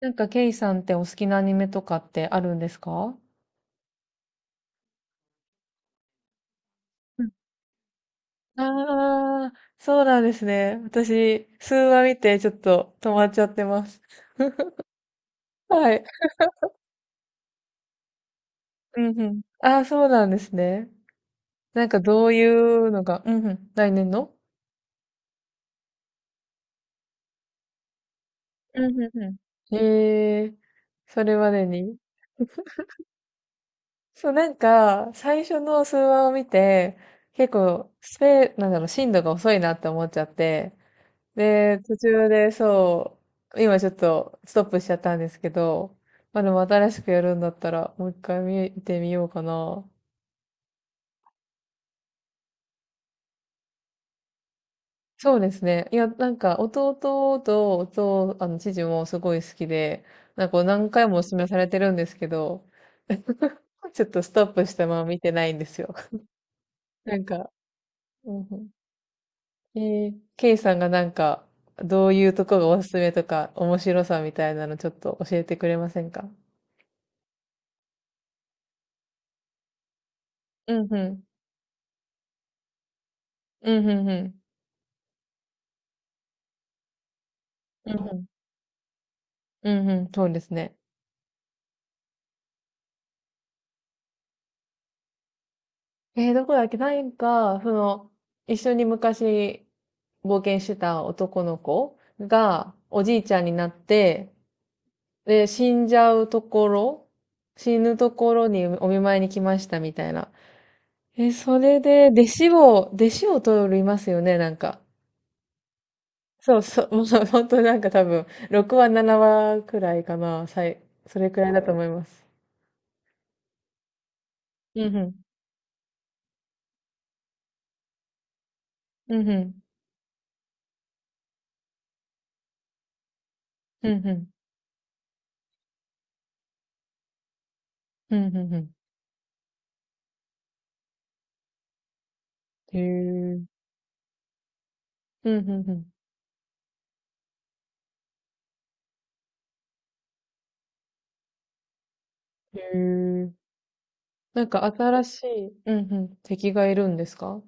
なんか、ケイさんってお好きなアニメとかってあるんですか？うん。ああー、そうなんですね。私、数話見てちょっと止まっちゃってます。はい。うんうん。ああ、そうなんですね。なんかどういうのが、うんうん、来年の。うんうんうん。へえ、それまでに。そう、なんか、最初の数話を見て、結構、なんだろう、進度が遅いなって思っちゃって、で、途中で今ちょっとストップしちゃったんですけど、まあでも新しくやるんだったらもう一回見てみようかな。そうですね。いや、なんか弟と弟、父もすごい好きで、なんか何回もお勧めされてるんですけど、ちょっとストップしたまま見てないんですよ。なんか、うんうん、えケイさんがなんか、どういうとこがおすすめとか、面白さみたいなのちょっと教えてくれませんか？うんうん。うんうんうん。うんうん。うんうん。そうですね。どこだっけなんか、その、一緒に昔冒険してた男の子が、おじいちゃんになって、で、死んじゃうところ、死ぬところにお見舞いに来ましたみたいな。それで、弟子を取りますよね、なんか。そうそう、もう本当になんか多分、6話、7話くらいかな、それくらいだと思います。うんうん。うんうん。うんうん。うんうんうん。へえ。うん、うん、うん。へえ。なんか新しい、うん、うん、敵がいるんですか？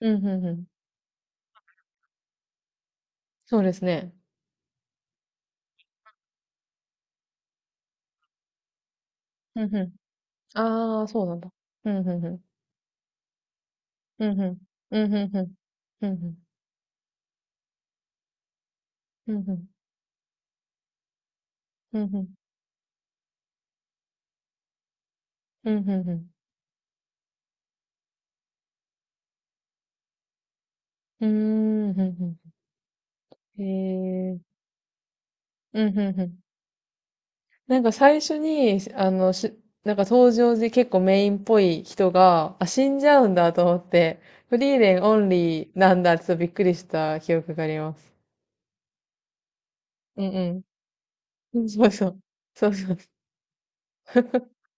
うん、うん、うん。そうですね。うん、うん。ああ、そうなんだ。うん、うん、うん。うん、うん。うん、うん、うん。うん、うん。うん、うん。うん、うん。うん、うん。うーん、ふん。んふんへえ。うん、うん、うん。なんか最初に、なんか登場で結構メインっぽい人が、あ、死んじゃうんだと思って、フリーレンオンリーなんだってちょっとびっくりした記憶があります。うんうん。うん、そうそう。そうそう。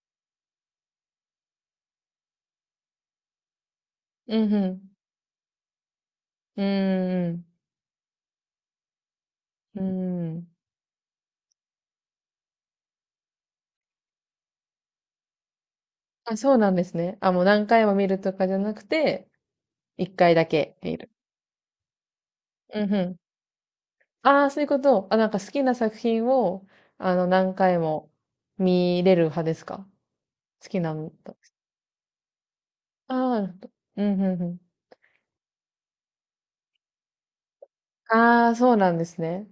うんうん。うーん、うん。ーん。あ、そうなんですね。あ、もう何回も見るとかじゃなくて、1回だけ見る。うんうん。ああ、そういうこと。あ、なんか好きな作品を、何回も見れる派ですか？好きなんだ。ああ、なるほど。うんうんうん。ああ、そうなんですね。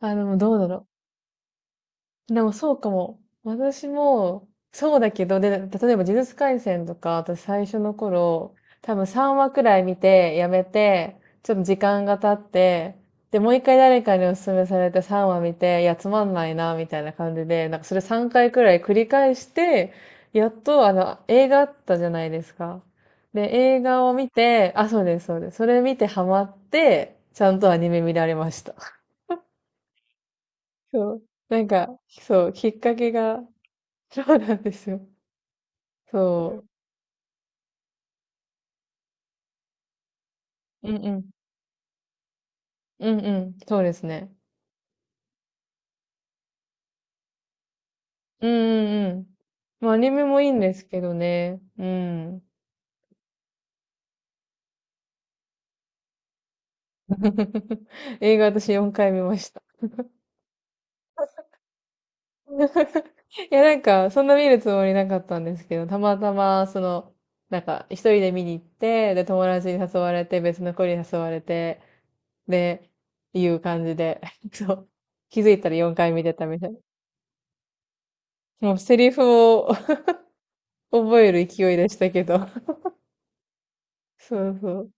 あ、でもどうだろう。でもそうかも。私も、そうだけど、で、例えば呪術廻戦とか、私最初の頃、多分3話くらい見て、やめて、ちょっと時間が経って、で、もう一回誰かにお勧めされて3話見て、いや、つまんないな、みたいな感じで、なんかそれ3回くらい繰り返して、やっと、映画あったじゃないですか。で、映画を見て、あ、そうです、そうです。それ見てハマって、ちゃんとアニメ見られました。そう。なんか、そう、きっかけが そうなんですよ。うん。そう。うんうん。うんうん。そうですね。うんうんうん。まあ、アニメもいいんですけどね。うん。映画私4回見ました。いや、なんか、そんな見るつもりなかったんですけど、たまたま、その、なんか、一人で見に行って、で、友達に誘われて、別の子に誘われて、で、いう感じで、そう。気づいたら4回見てたみたいな。もうセリフを 覚える勢いでしたけど。そうそう。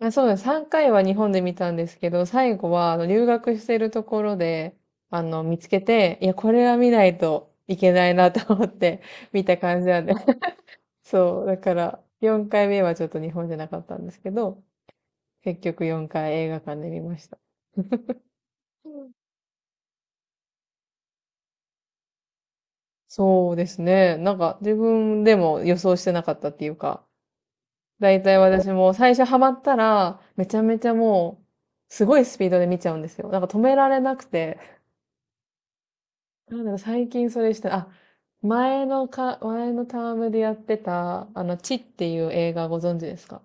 あそうです。3回は日本で見たんですけど、最後はあの留学してるところで、見つけて、いや、これは見ないといけないなと思って 見た感じなんで。そう、だから、4回目はちょっと日本じゃなかったんですけど、結局4回映画館で見ました。うんそうですね。なんか、自分でも予想してなかったっていうか、だいたい私も最初ハマったら、めちゃめちゃもう、すごいスピードで見ちゃうんですよ。なんか止められなくて、なんだろう、最近それした、あ、前のタームでやってた、あの、チっていう映画ご存知ですか？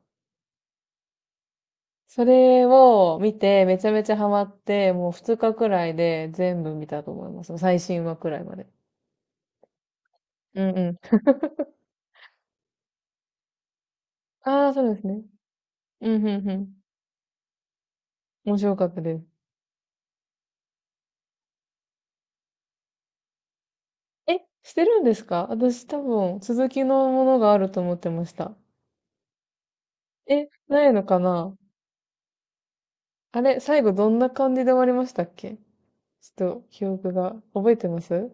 それを見て、めちゃめちゃハマって、もう2日くらいで全部見たと思います。最新話くらいまで。うんうん。ああ、そうですね。うんうんうん。面白かったです。え、してるんですか？私多分、続きのものがあると思ってました。え、ないのかな？あれ、最後どんな感じで終わりましたっけ？ちょっと記憶が、覚えてます？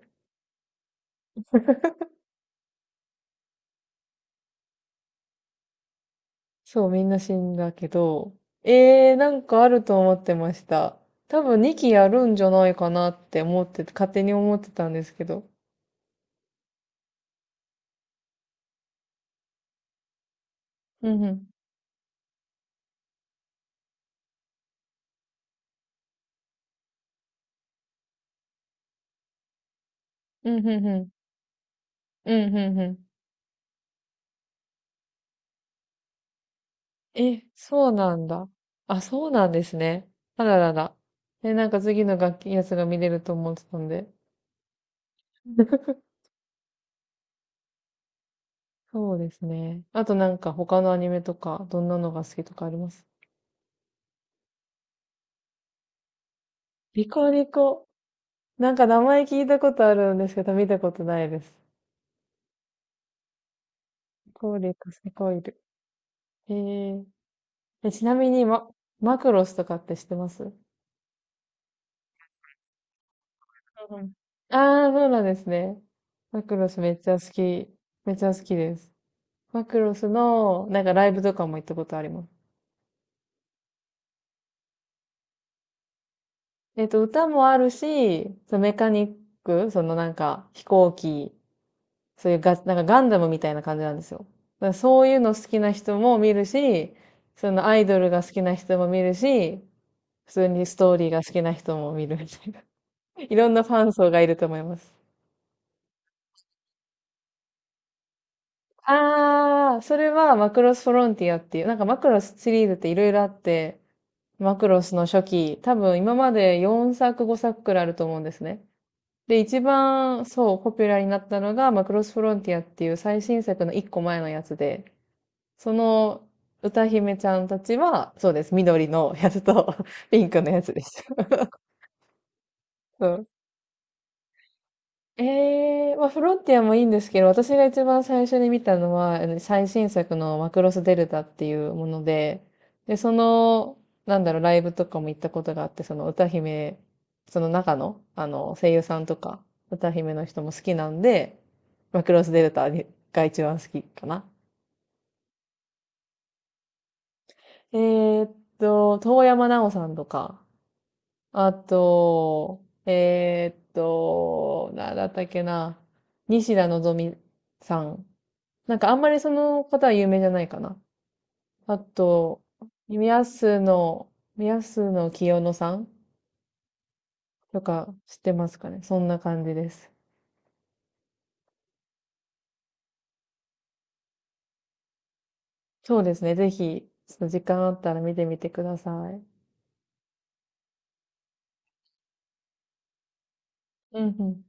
そう、みんな死んだけど、なんかあると思ってました。多分2期やるんじゃないかなって思ってて、勝手に思ってたんですけど。うんうん。うんうんうん。うんうんうん。え、そうなんだ。あ、そうなんですね。あららら。え、なんか次の楽器やつが見れると思ってたんで。そうですね。あとなんか他のアニメとか、どんなのが好きとかあります？リコリコ。なんか名前聞いたことあるんですけど、見たことないです。リコリコ、セコイル。へえ。え、ちなみに、マクロスとかって知ってます？うんうん。ああー、そうなんですね。マクロスめっちゃ好き。めっちゃ好きです。マクロスの、なんかライブとかも行ったことあります。歌もあるし、そのメカニック、そのなんか飛行機、そういうなんかガンダムみたいな感じなんですよ。だからそういうの好きな人も見るし、そのアイドルが好きな人も見るし、普通にストーリーが好きな人も見るみたいな。いろんなファン層がいると思います。ああ、それはマクロスフロンティアっていう、なんかマクロスシリーズっていろいろあって、マクロスの初期、多分今まで4作5作くらいあると思うんですね。で、一番そう、ポピュラーになったのがマクロスフロンティアっていう最新作の1個前のやつで、その歌姫ちゃんたちは、そうです、緑のやつと ピンクのやつです。そうええまあ、フロンティアもいいんですけど、私が一番最初に見たのは、あの最新作のマクロスデルタっていうもので、で、その、なんだろう、ライブとかも行ったことがあって、その歌姫、その中の、声優さんとか、歌姫の人も好きなんで、マクロスデルタにが一番好きかな。遠山奈央さんとか、あと、なんだったっけな、西田のぞみさんなんかあんまりその方は有名じゃないかな。あと、宮洲の清野さんとか知ってますかね。そんな感じです。そうですね。ぜひ、ちょっと時間あったら見てみてください。うんうん。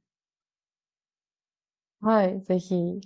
はい、ぜひ。